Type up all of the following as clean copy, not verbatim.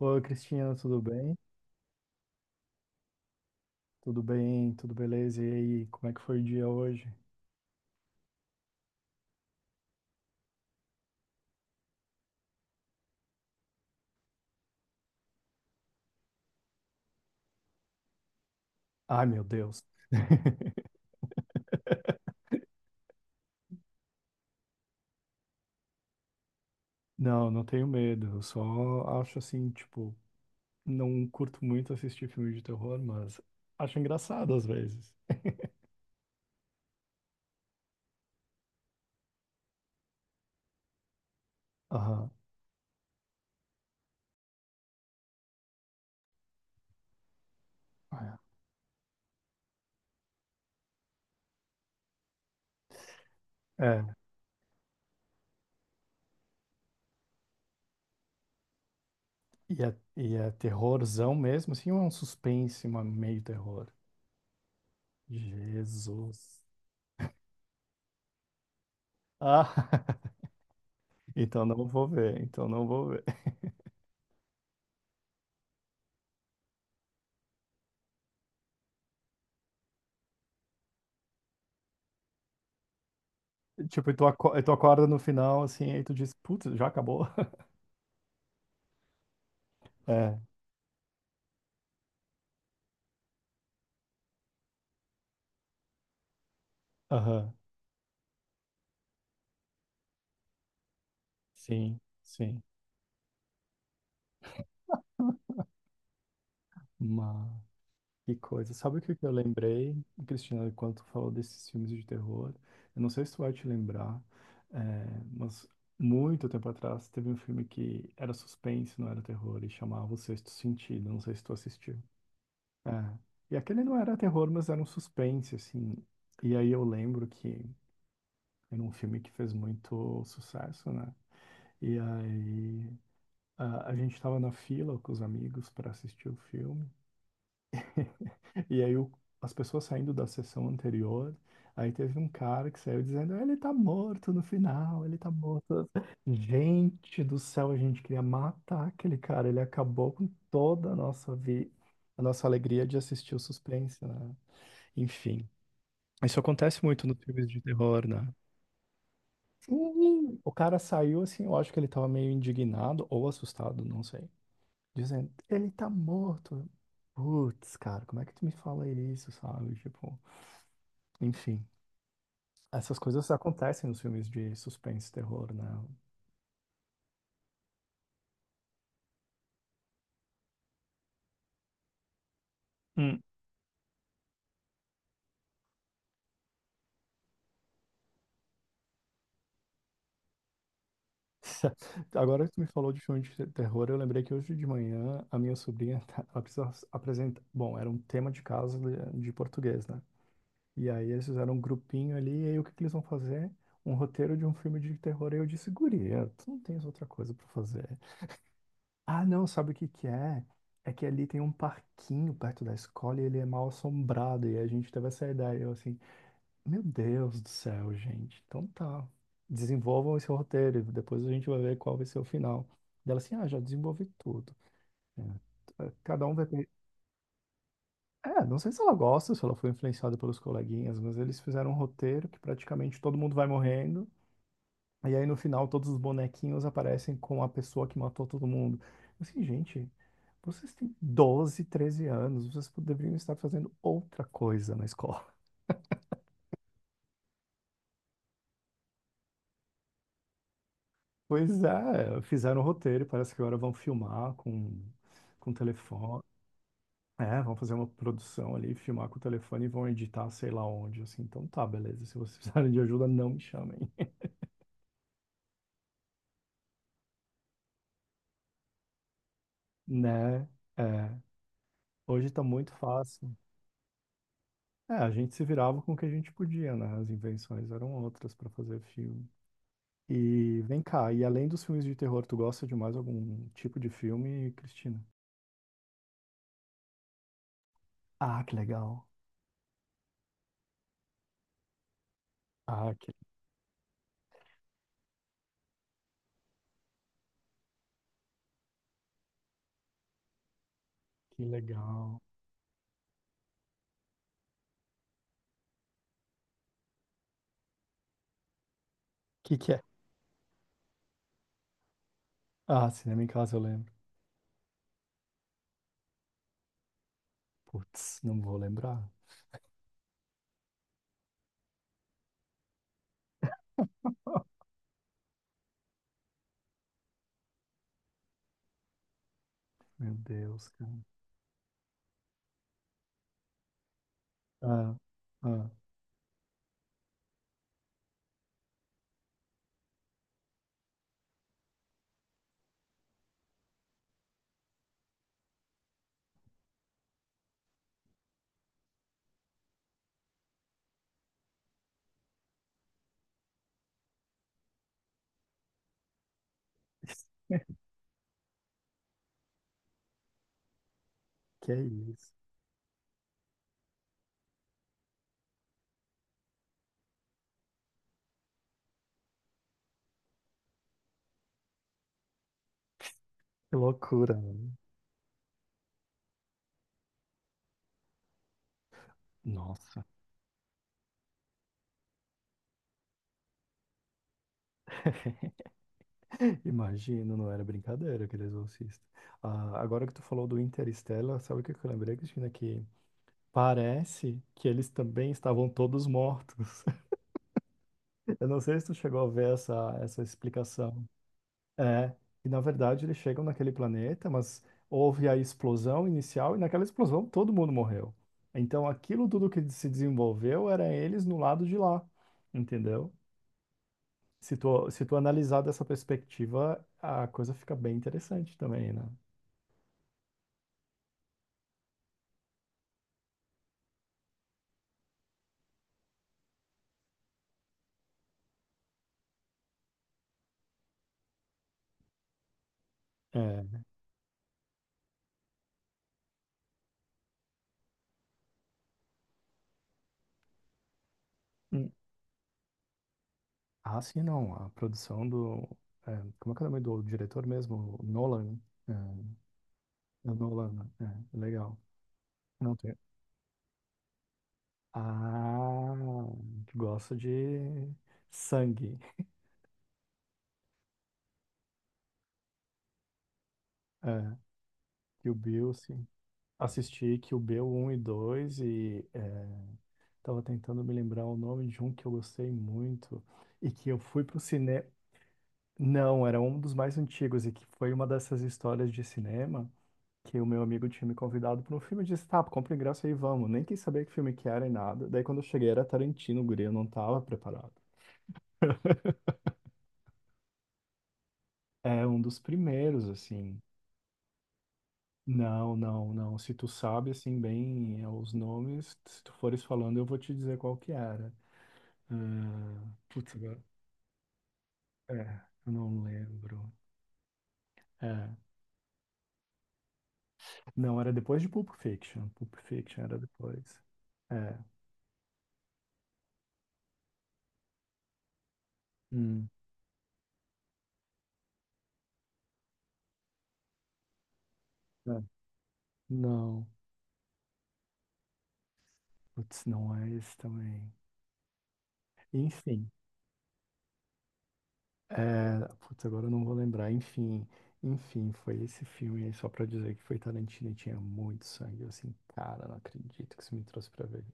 Oi, Cristina, tudo bem? Tudo bem, tudo beleza? E aí, como é que foi o dia hoje? Ai, meu Deus. Não, não tenho medo. Eu só acho assim, tipo, não curto muito assistir filme de terror, mas acho engraçado às vezes. Aham. É. É. E é terrorzão mesmo, assim, ou é um suspense, uma meio terror? Jesus. Ah, então não vou ver, então não vou ver. Tipo, e tu acorda no final, assim, aí tu diz, putz, já acabou? É, aham, sim, sim. Mas, que coisa. Sabe o que que eu lembrei, Cristina, quando tu falou desses filmes de terror? Eu não sei se tu vai te lembrar, é, mas muito tempo atrás teve um filme que era suspense, não era terror, e chamava O Sexto Sentido, não sei se tu assistiu. É. E aquele não era terror, mas era um suspense, assim. E aí eu lembro que era um filme que fez muito sucesso, né? E aí a gente estava na fila com os amigos para assistir o filme. E aí as pessoas saindo da sessão anterior, aí teve um cara que saiu dizendo, ele tá morto no final, ele tá morto. Gente do céu, a gente queria matar aquele cara. Ele acabou com toda a nossa alegria de assistir o suspense, né? Enfim. Isso acontece muito nos filmes de terror, né? Sim. O cara saiu assim, eu acho que ele tava meio indignado ou assustado, não sei. Dizendo, ele tá morto. Putz, cara, como é que tu me fala isso, sabe? Tipo, enfim, essas coisas acontecem nos filmes de suspense e terror, né? Hum. Agora que tu me falou de filme de terror, eu lembrei que hoje de manhã a minha sobrinha, ela precisa apresentar, bom, era um tema de casa de português, né? E aí eles fizeram um grupinho ali, e aí o que que eles vão fazer? Um roteiro de um filme de terror, e eu disse, guria, tu não tens outra coisa pra fazer. Ah, não, sabe o que que é? É que ali tem um parquinho perto da escola e ele é mal assombrado. E a gente teve essa ideia. Eu assim, meu Deus do céu, gente. Então tá. Desenvolvam esse roteiro. Depois a gente vai ver qual vai ser o final. Dela assim, ah, já desenvolvi tudo. É, cada um vai ter... É, não sei se ela gosta, se ela foi influenciada pelos coleguinhas, mas eles fizeram um roteiro que praticamente todo mundo vai morrendo. E aí no final todos os bonequinhos aparecem com a pessoa que matou todo mundo. Eu assim, gente, vocês têm 12, 13 anos, vocês poderiam estar fazendo outra coisa na escola. Pois é, fizeram o roteiro, parece que agora vão filmar com, telefone. É, vão fazer uma produção ali, filmar com o telefone e vão editar sei lá onde, assim. Então tá, beleza. Se vocês precisarem de ajuda, não me chamem, né? É, hoje tá muito fácil. É, a gente se virava com o que a gente podia, né? As invenções eram outras para fazer filme. E vem cá, e além dos filmes de terror, tu gosta de mais algum tipo de filme, Cristina? Ah, que legal. Ah, que legal. Que é? Ah, Cinema em Casa eu lembro. Putz, não vou lembrar. Meu Deus, cara. Ah, ah. Que isso? Que loucura, mano. Nossa. Imagino, não era brincadeira aquele exorcista. Ah, agora que tu falou do Interstellar, sabe o que que eu lembrei, Cristina? Que parece que eles também estavam todos mortos. Eu não sei se tu chegou a ver essa explicação. É, e na verdade eles chegam naquele planeta, mas houve a explosão inicial e naquela explosão todo mundo morreu. Então aquilo tudo que se desenvolveu era eles no lado de lá, entendeu? Se tu analisar dessa perspectiva, a coisa fica bem interessante também, né? É. Hum. Ah, sim, não. A produção do. É, como é que é o nome do diretor mesmo? O Nolan. Né? É. É do Holanda. É, legal. Não tem. Ah, gosto de sangue. É, Kill Bill, sim. Assisti Kill Bill um e dois e é, tava tentando me lembrar o nome de um que eu gostei muito e que eu fui pro cinema. Não, era um dos mais antigos e que foi uma dessas histórias de cinema que o meu amigo tinha me convidado para um filme. Eu disse, tá, compra o ingresso aí, vamos. Nem quis saber que filme que era e nada. Daí quando eu cheguei era Tarantino, o guri, eu não tava preparado. É um dos primeiros, assim. Não, não, não. Se tu sabe, assim, bem é, os nomes, se tu fores falando, eu vou te dizer qual que era. Ah, putz, agora. É, eu não lembro. É. Não, era depois de Pulp Fiction. Pulp Fiction era depois. É. Hum, é. Não. Putz, não é esse também. Enfim. É, putz, agora eu não vou lembrar. Enfim, enfim, foi esse filme aí só pra dizer que foi Tarantino e tinha muito sangue. Eu assim, cara, não acredito que isso me trouxe pra ver.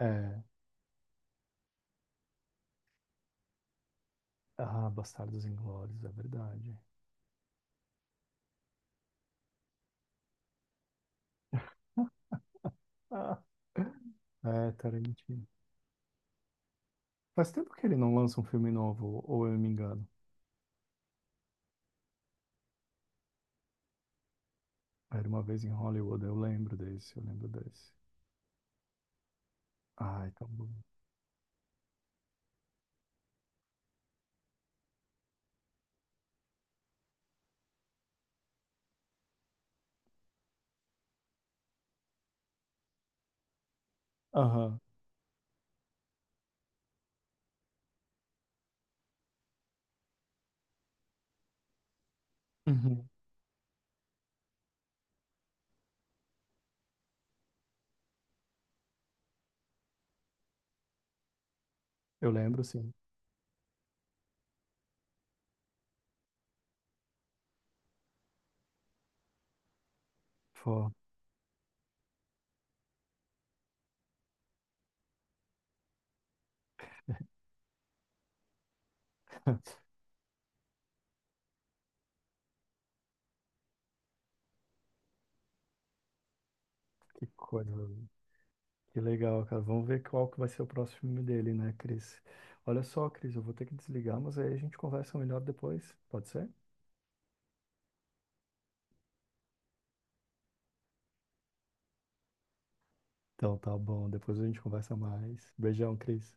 É, ah, Bastardos Inglórios, é verdade. Ah, é, Tarantino. Faz tempo que ele não lança um filme novo, ou eu me engano. Era uma vez em Hollywood, eu lembro desse, eu lembro desse. Ai, tão bom. Aham, uhum. Eu lembro, sim. Pô, que coisa. Que legal, cara. Vamos ver qual que vai ser o próximo filme dele, né, Cris? Olha só, Cris, eu vou ter que desligar, mas aí a gente conversa melhor depois, pode ser? Então tá bom, depois a gente conversa mais. Beijão, Cris.